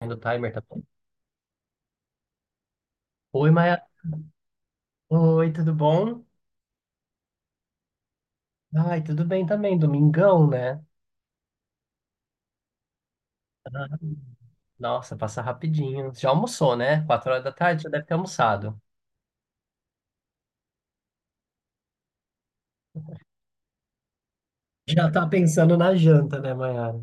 Do timer, tá bom. Oi, Maia. Oi, tudo bom? Ai, tudo bem também. Domingão, né? Ah, nossa, passa rapidinho. Já almoçou, né? 4 horas da tarde já deve ter almoçado. Já tá pensando na janta, né, Maiara?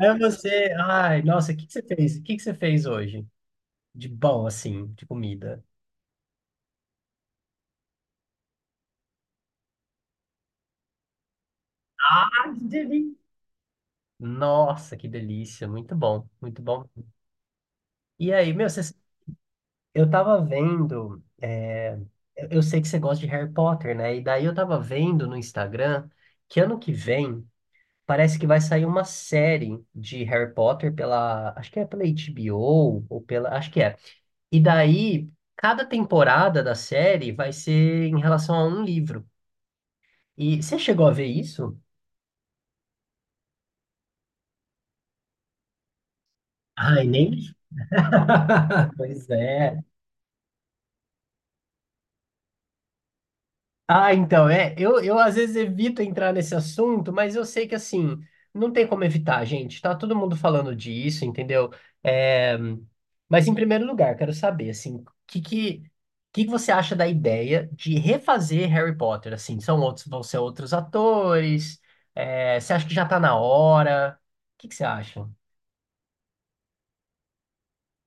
É você. Ai, nossa, o que que você fez? O que que você fez hoje? De bom, assim, de comida. Ah, que delícia! Nossa, que delícia. Muito bom, muito bom. E aí, meu, você Eu tava vendo, eu sei que você gosta de Harry Potter, né? E daí eu tava vendo no Instagram que ano que vem parece que vai sair uma série de Harry Potter pela, acho que é pela HBO ou pela, acho que é. E daí cada temporada da série vai ser em relação a um livro. E você chegou a ver isso? Ai, nem. Pois é. Ah, então, é. Eu às vezes evito entrar nesse assunto, mas eu sei que assim, não tem como evitar, gente. Tá todo mundo falando disso, entendeu? É, mas em primeiro lugar, quero saber, assim, o que que você acha da ideia de refazer Harry Potter? Assim, vão ser outros atores? É, você acha que já tá na hora? O que que você acha?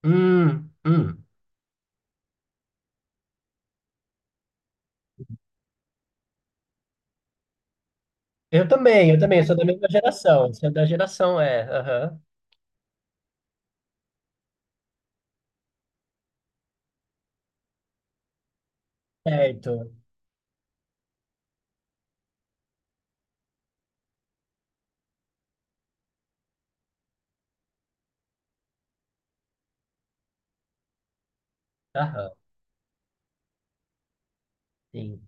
Hum, hum. Eu também, eu também, eu sou da mesma geração. Sou da geração, é. Aham. Certo. Aham, sim.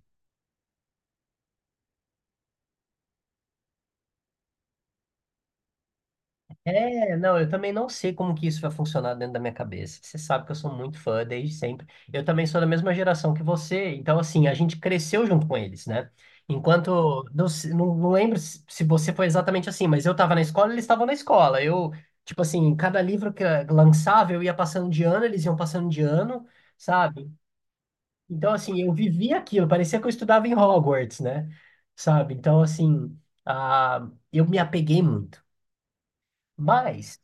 É, não, eu também não sei como que isso vai funcionar dentro da minha cabeça. Você sabe que eu sou muito fã desde sempre. Eu também sou da mesma geração que você, então assim, a gente cresceu junto com eles, né? Enquanto, não, não lembro se você foi exatamente assim, mas eu estava na escola, eles estavam na escola. Eu, tipo assim, cada livro que lançava, eu ia passando de ano, eles iam passando de ano, sabe? Então assim, eu vivia aquilo, parecia que eu estudava em Hogwarts, né? Sabe? Então assim, ah, eu me apeguei muito. Mas,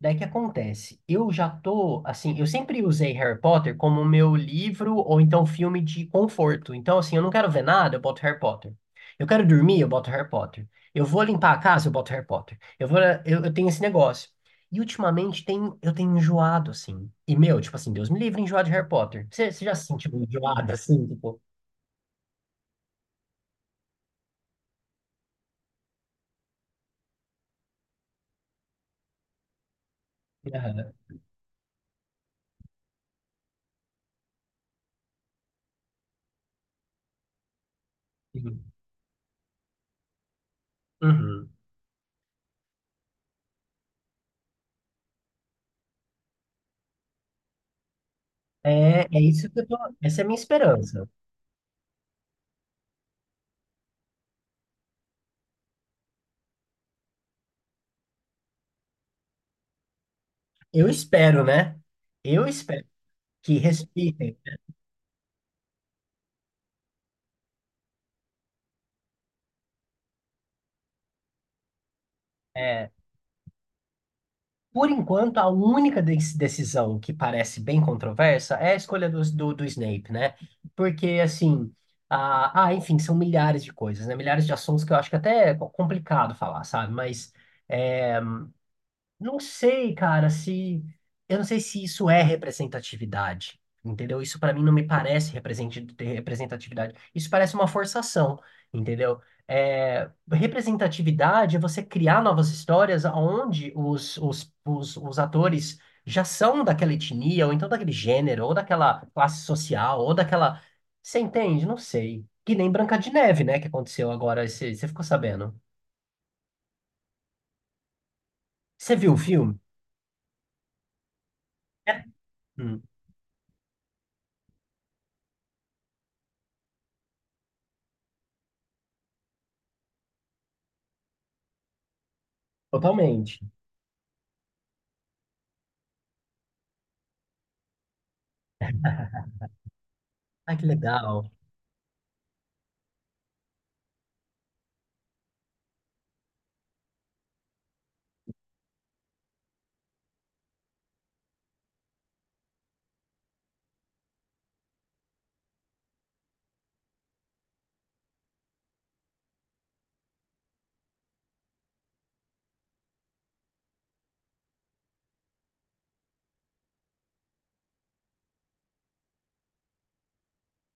daí que acontece? Eu já tô, assim, eu sempre usei Harry Potter como meu livro ou então filme de conforto. Então, assim, eu não quero ver nada, eu boto Harry Potter. Eu quero dormir, eu boto Harry Potter. Eu vou limpar a casa, eu boto Harry Potter. Eu tenho esse negócio. E ultimamente eu tenho enjoado, assim. E, meu, tipo assim, Deus me livre enjoado de Harry Potter. Você já se sentiu enjoado, assim, tipo... Aham, sim. Uhum. É, é isso que eu tô... Essa é a minha esperança. Eu espero, né? Eu espero que respeitem. É, por enquanto, a única decisão que parece bem controversa é a escolha do Snape, né? Porque, assim, enfim, são milhares de coisas, né? Milhares de assuntos que eu acho que até é complicado falar, sabe? Mas é, não sei, cara, se. Eu não sei se isso é representatividade, entendeu? Isso pra mim não me parece ter representatividade. Isso parece uma forçação, entendeu? É, representatividade é você criar novas histórias onde os atores já são daquela etnia, ou então daquele gênero, ou daquela classe social, ou daquela. Você entende? Não sei. Que nem Branca de Neve, né? Que aconteceu agora. Você ficou sabendo? Você viu o filme? É. Hum, totalmente. Ai, que legal.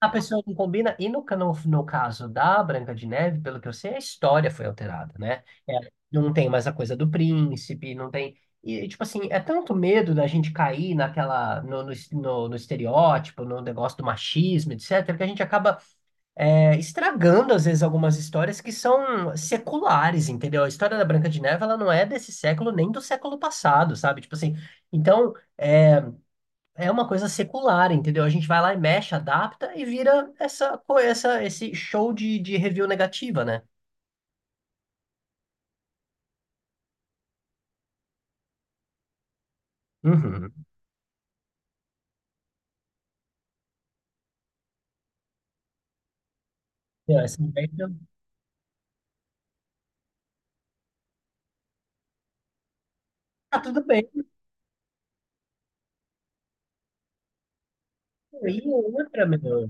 A pessoa não combina. E no caso da Branca de Neve, pelo que eu sei, a história foi alterada, né? É, não tem mais a coisa do príncipe, não tem. E, tipo assim, é tanto medo da gente cair naquela, no estereótipo, no negócio do machismo, etc., que a gente acaba estragando, às vezes, algumas histórias que são seculares, entendeu? A história da Branca de Neve, ela não é desse século nem do século passado, sabe? Tipo assim, então, é uma coisa secular, entendeu? A gente vai lá e mexe, adapta e vira essa, co- essa esse show de review negativa, né? Uhum. É, tá tudo bem. E outra, meu.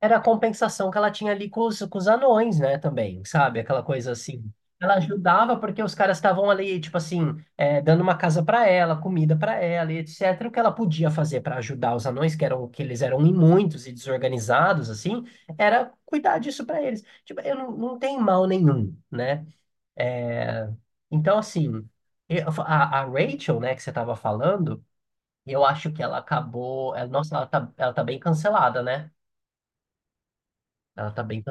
Era a compensação que ela tinha ali com os anões, né, também, sabe? Aquela coisa assim. Ela ajudava porque os caras estavam ali, tipo assim, dando uma casa para ela, comida para ela, e etc. O que ela podia fazer para ajudar os anões, que eles eram muitos e desorganizados, assim, era cuidar disso para eles. Tipo, eu não, não tem mal nenhum, né? É, então, assim, a Rachel, né, que você tava falando, eu acho que ela acabou. Nossa, ela tá bem cancelada, né? Ela tá bem.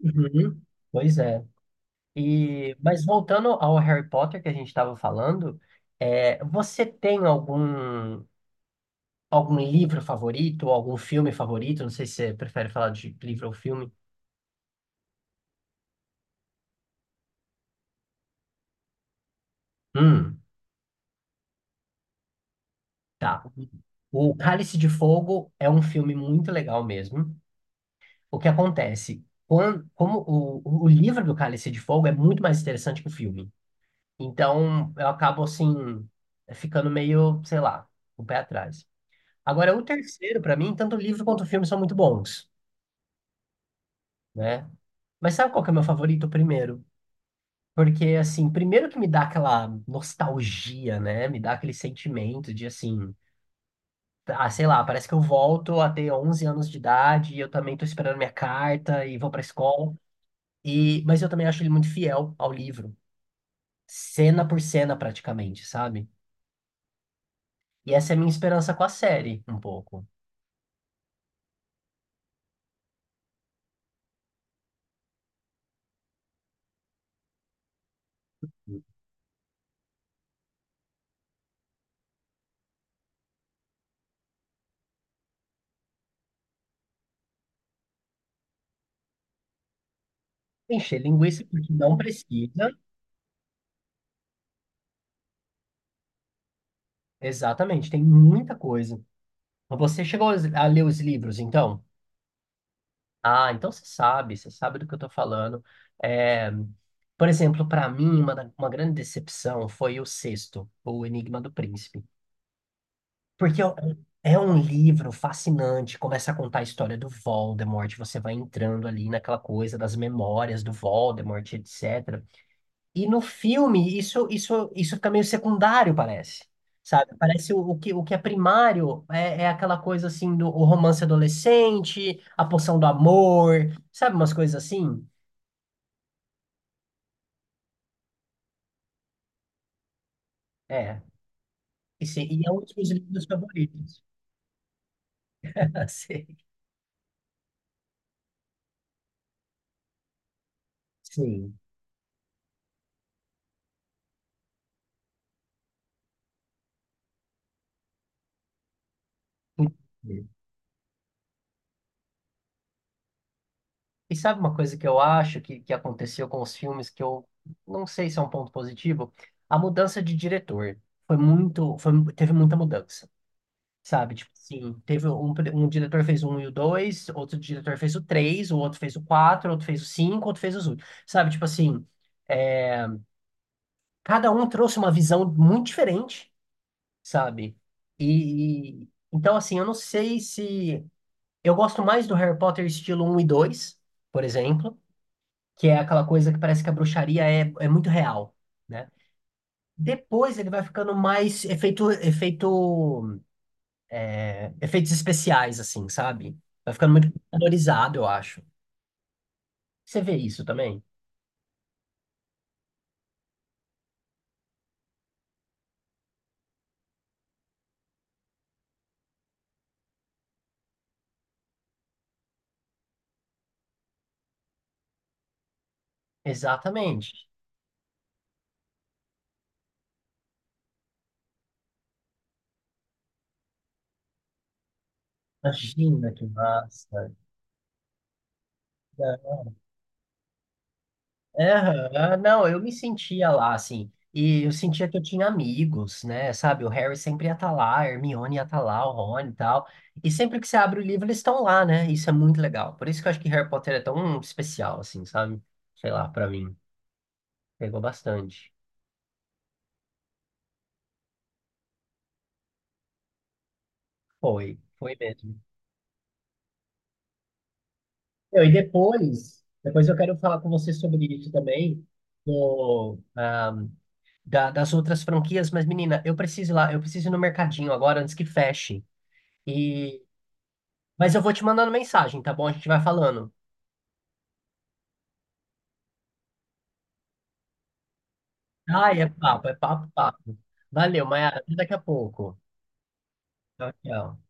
Uhum. Pois é. E, mas voltando ao Harry Potter que a gente estava falando, você tem algum livro favorito, ou algum filme favorito? Não sei se você prefere falar de livro ou filme. Hum, tá. O Cálice de Fogo é um filme muito legal mesmo. O que acontece? Quando, como o livro do Cálice de Fogo é muito mais interessante que o filme. Então, eu acabo assim, ficando meio, sei lá, com o pé atrás. Agora, o terceiro, pra mim, tanto o livro quanto o filme são muito bons, né? Mas sabe qual que é o meu favorito primeiro? Porque, assim, primeiro que me dá aquela nostalgia, né? Me dá aquele sentimento de, assim, ah, sei lá, parece que eu volto a ter 11 anos de idade e eu também tô esperando minha carta e vou pra escola. E, mas eu também acho ele muito fiel ao livro, cena por cena, praticamente, sabe? E essa é a minha esperança com a série, um pouco. Encher linguiça porque não precisa. Exatamente, tem muita coisa. Você chegou a ler os livros, então? Ah, então você sabe do que eu estou falando. É, por exemplo, para mim, uma grande decepção foi o sexto, O Enigma do Príncipe. Porque é um livro fascinante, começa a contar a história do Voldemort, você vai entrando ali naquela coisa das memórias do Voldemort, etc. E no filme, isso fica meio secundário, parece. Sabe? Parece o que é primário é aquela coisa assim do o romance adolescente, a poção do amor, sabe? Umas coisas assim. É. E, se- e é um dos meus livros favoritos. Sei. Sim. E sabe uma coisa que eu acho que aconteceu com os filmes que eu não sei se é um ponto positivo? A mudança de diretor. Teve muita mudança. Sabe, tipo assim, teve um diretor fez um e o dois, outro diretor fez o três, o outro fez o quatro, outro fez o cinco, outro fez os oito. Sabe, tipo assim, é, cada um trouxe uma visão muito diferente, sabe? E, então, assim, eu não sei se. Eu gosto mais do Harry Potter estilo um e 2 por exemplo, que é aquela coisa que parece que a bruxaria é muito real, né? Depois ele vai ficando mais efeitos especiais, assim, sabe? Vai ficando muito valorizado, eu acho. Você vê isso também? Exatamente. Imagina que massa. É, aham. Não, eu me sentia lá, assim, e eu sentia que eu tinha amigos, né, sabe, o Harry sempre ia estar lá, a Hermione ia estar lá, o Rony e tal, e sempre que você abre o livro eles estão lá, né, isso é muito legal, por isso que eu acho que Harry Potter é tão especial, assim, sabe, sei lá, pra mim, pegou bastante, foi, foi mesmo. Meu, e depois eu quero falar com você sobre isso também, do, ah, das outras franquias, mas menina, eu preciso ir lá, eu preciso ir no mercadinho agora antes que feche. E, mas eu vou te mandando mensagem, tá bom? A gente vai falando. Ai, é papo, papo. Valeu, Mayara, até daqui a pouco. Tchau, tchau.